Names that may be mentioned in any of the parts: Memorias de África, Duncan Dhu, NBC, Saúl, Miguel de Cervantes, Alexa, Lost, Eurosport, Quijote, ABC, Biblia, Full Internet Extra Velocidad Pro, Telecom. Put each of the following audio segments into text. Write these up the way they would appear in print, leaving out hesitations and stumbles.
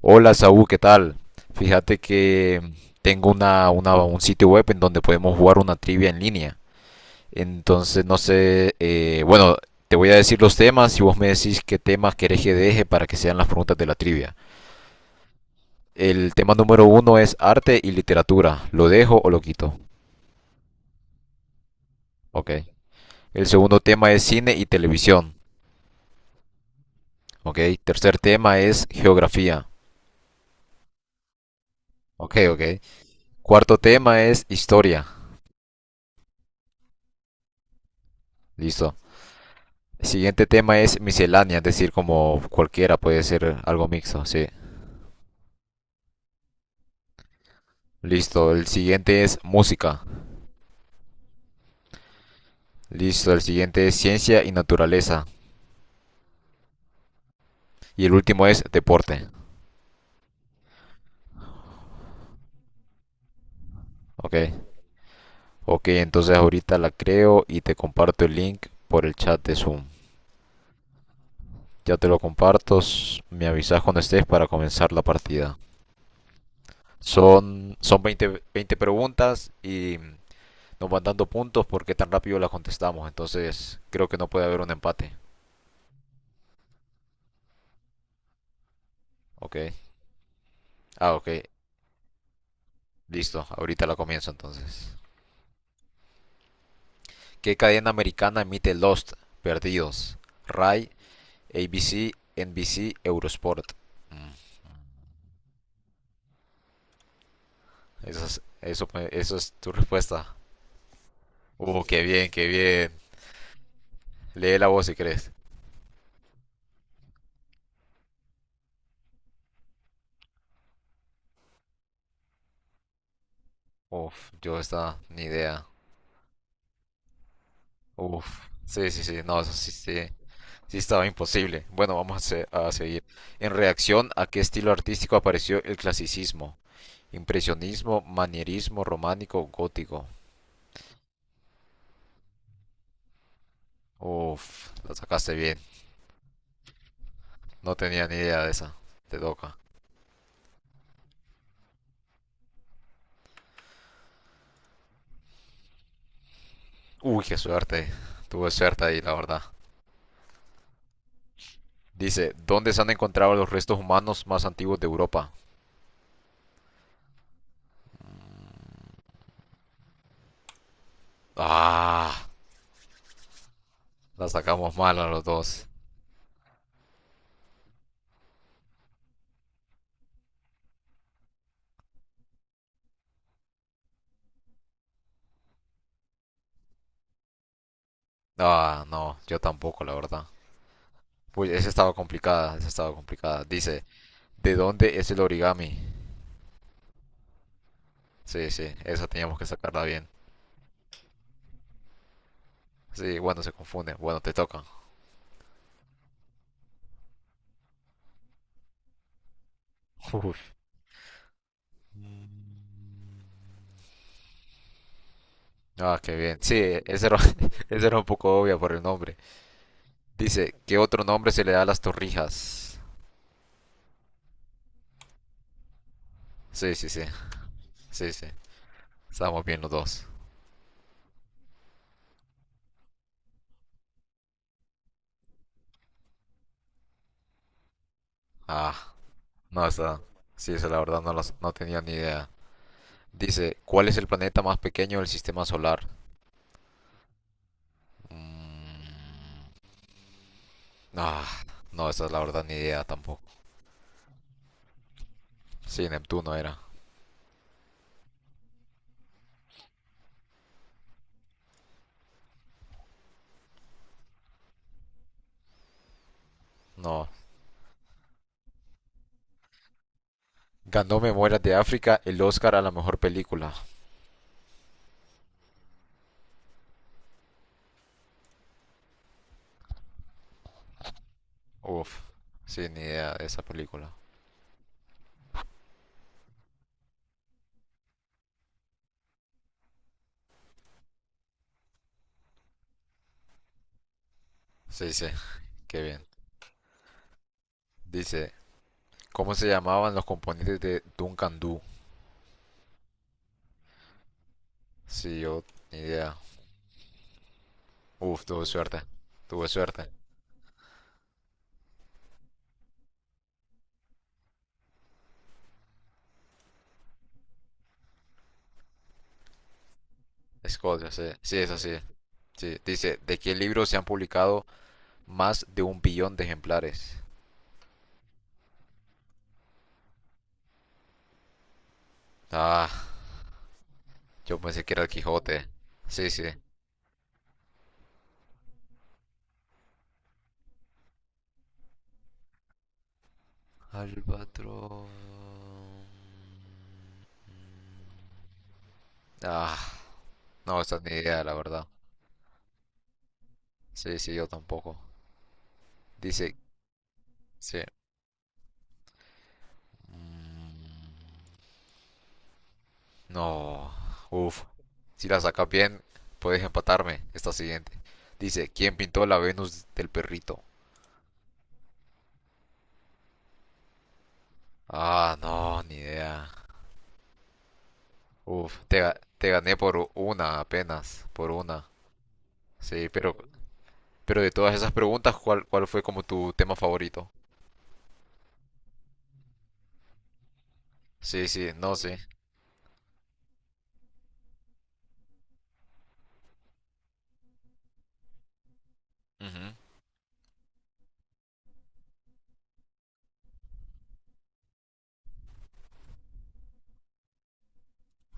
Hola Saúl, ¿qué tal? Fíjate que tengo un sitio web en donde podemos jugar una trivia en línea. Entonces, no sé, bueno, te voy a decir los temas y vos me decís qué temas querés que deje para que sean las preguntas de la trivia. El tema número uno es arte y literatura. ¿Lo dejo o lo quito? Ok. El segundo tema es cine y televisión. Ok. Tercer tema es geografía. Ok, ok. Cuarto tema es historia. Listo. El siguiente tema es miscelánea, es decir, como cualquiera puede ser algo mixto, sí. Listo, el siguiente es música. Listo, el siguiente es ciencia y naturaleza. Y el último es deporte. Ok, ok, entonces ahorita la creo y te comparto el link por el chat de Zoom. Ya te lo comparto, me avisas cuando estés para comenzar la partida. Son veinte preguntas y nos van dando puntos porque tan rápido las contestamos. Entonces creo que no puede haber un empate. Ok. Ah, ok. Listo, ahorita la comienzo entonces. ¿Qué cadena americana emite Lost, Perdidos, Rai, ABC, NBC, Eurosport? Mm, Eso es, eso es tu respuesta. Qué bien, qué bien. Lee la voz si crees. Uf, yo esta, ni idea. Uf, sí, sí, sí, no, eso sí, sí, sí estaba imposible. Bueno, vamos a seguir. En reacción, ¿a qué estilo artístico apareció el clasicismo? Impresionismo, manierismo, románico, gótico. Uf, la sacaste bien. No tenía ni idea de esa. Te toca. Uy, qué suerte. Tuve suerte ahí, la verdad. Dice, ¿dónde se han encontrado los restos humanos más antiguos de Europa? Ah, la sacamos mal a los dos. Ah, no, yo tampoco, la verdad. Uy, esa estaba complicada, esa estaba complicada. Dice, ¿de dónde es el origami? Sí, sí, esa teníamos que sacarla bien. Sí, bueno, se confunde. Bueno, te toca. Uf. Ah, qué bien. Sí, esa era, esa era un poco obvia por el nombre. Dice, ¿qué otro nombre se le da a las torrijas? Sí, sí, sí, sí, sí. Estamos bien los dos. Ah, no, está. Sí, esa la verdad no tenía ni idea. Dice, ¿cuál es el planeta más pequeño del sistema solar? Mm, ah, no, esa es la verdad ni idea tampoco. Sí, Neptuno era. No. Ganó Memorias de África el Oscar a la mejor película. Uf, sí, ni idea de esa película. Sí, sí, qué bien. Dice, ¿cómo se llamaban los componentes de Duncan Dhu? Sí, yo, ni idea. Uf, tuve suerte. Tuve suerte. Escocia, sí. Sí, es así. Sí. Dice, ¿de qué libro se han publicado más de un billón de ejemplares? Ah, yo pensé que era el Quijote. Sí, sí. Albatro... Ah, no, esa ni idea, la verdad. Sí, sí, yo tampoco. Dice, sí. Mm. No, uff. Si la sacas bien, puedes empatarme. Esta siguiente. Dice, ¿quién pintó la Venus del perrito? Ah, no, ni idea. Uf, te gané por una apenas, por una. Sí, pero de todas esas preguntas, ¿cuál fue como tu tema favorito? Sí, sí, no, sí. Ujú.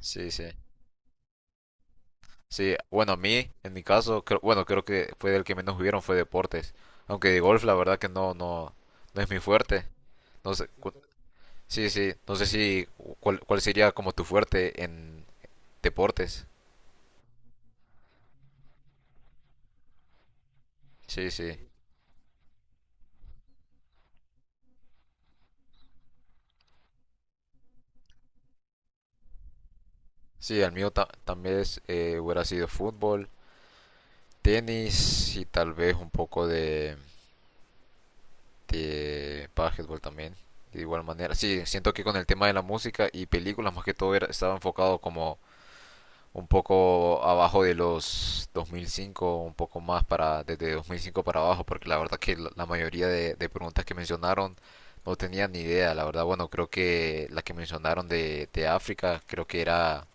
Sí, sí. Sí, bueno, a mí, en mi caso, bueno, creo que fue el que menos hubieron fue deportes. Aunque de golf, la verdad que no, no, no es mi fuerte. No sé. Sí, sí. No sé si cuál sería como tu fuerte en deportes. Sí, sí. Sí, el mío también es, hubiera sido fútbol, tenis y tal vez un poco de, básquetbol también. De igual manera. Sí, siento que con el tema de la música y películas más que todo estaba enfocado como un poco abajo de los 2005, un poco más para desde 2005 para abajo, porque la verdad que la mayoría de, preguntas que mencionaron no tenían ni idea, la verdad, bueno, creo que la que mencionaron de África, creo que era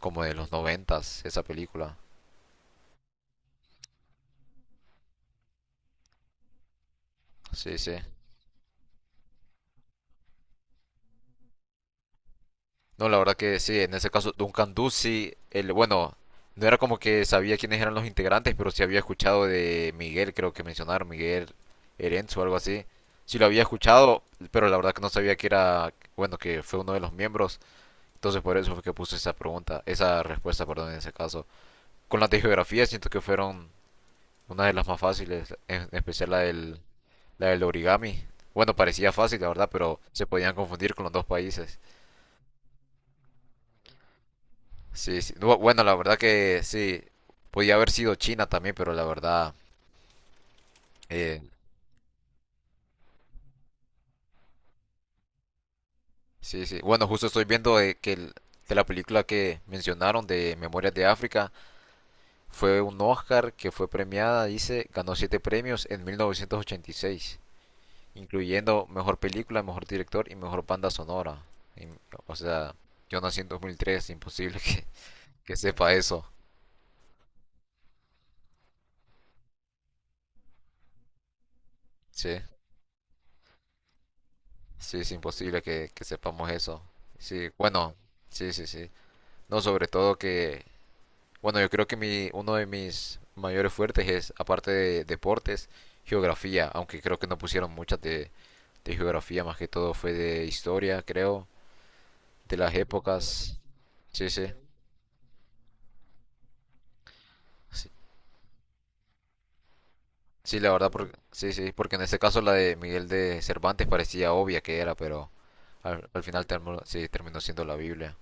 como de los 90 esa película. Sí, sí. No, la verdad que sí, en ese caso Duncan Ducey, bueno, no era como que sabía quiénes eran los integrantes, pero sí había escuchado de Miguel, creo que mencionaron, Miguel Erenzo o algo así. Sí lo había escuchado, pero la verdad que no sabía que era, bueno, que fue uno de los miembros. Entonces por eso fue que puse esa pregunta, esa respuesta, perdón, en ese caso. Con las de geografía siento que fueron una de las más fáciles, en especial la del origami. Bueno, parecía fácil, la verdad, pero se podían confundir con los dos países. Sí, sí. Bueno, la verdad que sí. Podía haber sido China también, pero la verdad, eh, sí, sí. Bueno, justo estoy viendo que de la película que mencionaron de Memorias de África fue un Oscar que fue premiada, dice, ganó siete premios en 1986, incluyendo mejor película, mejor director y mejor banda sonora. Y, o sea, yo nací en 2003, imposible que sepa eso. Sí, sí, es imposible que sepamos eso. Sí, bueno, sí, sí, sí. No, sobre todo que, bueno, yo creo que uno de mis mayores fuertes es, aparte de deportes, geografía, aunque creo que no pusieron muchas de, geografía, más que todo fue de historia, creo, de las épocas. Sí, sí. Sí, sí, la verdad, porque, sí, sí, porque en este caso la de Miguel de Cervantes parecía obvia que era, pero al final sí, terminó siendo la Biblia,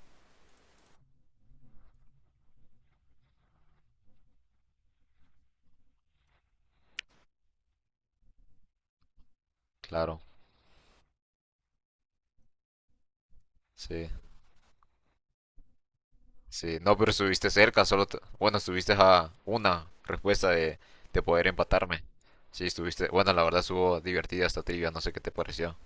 claro. Sí. Sí, no, pero estuviste cerca, solo, bueno, estuviste a una respuesta de poder empatarme. Sí, estuviste, bueno, la verdad estuvo divertida esta trivia, no sé qué te pareció.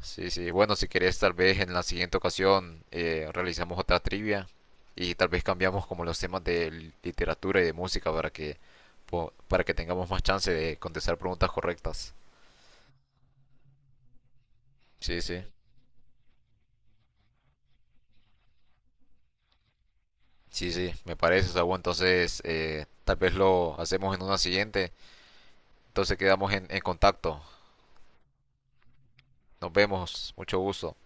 Sí, sí, bueno, si querés tal vez en la siguiente ocasión realizamos otra trivia y tal vez cambiamos como los temas de literatura y de música para que, para que tengamos más chance de contestar preguntas correctas. Sí, sí. Sí, sí, me parece, Saúl. Entonces, tal vez lo hacemos en una siguiente. Entonces quedamos en contacto. Nos vemos. Mucho gusto.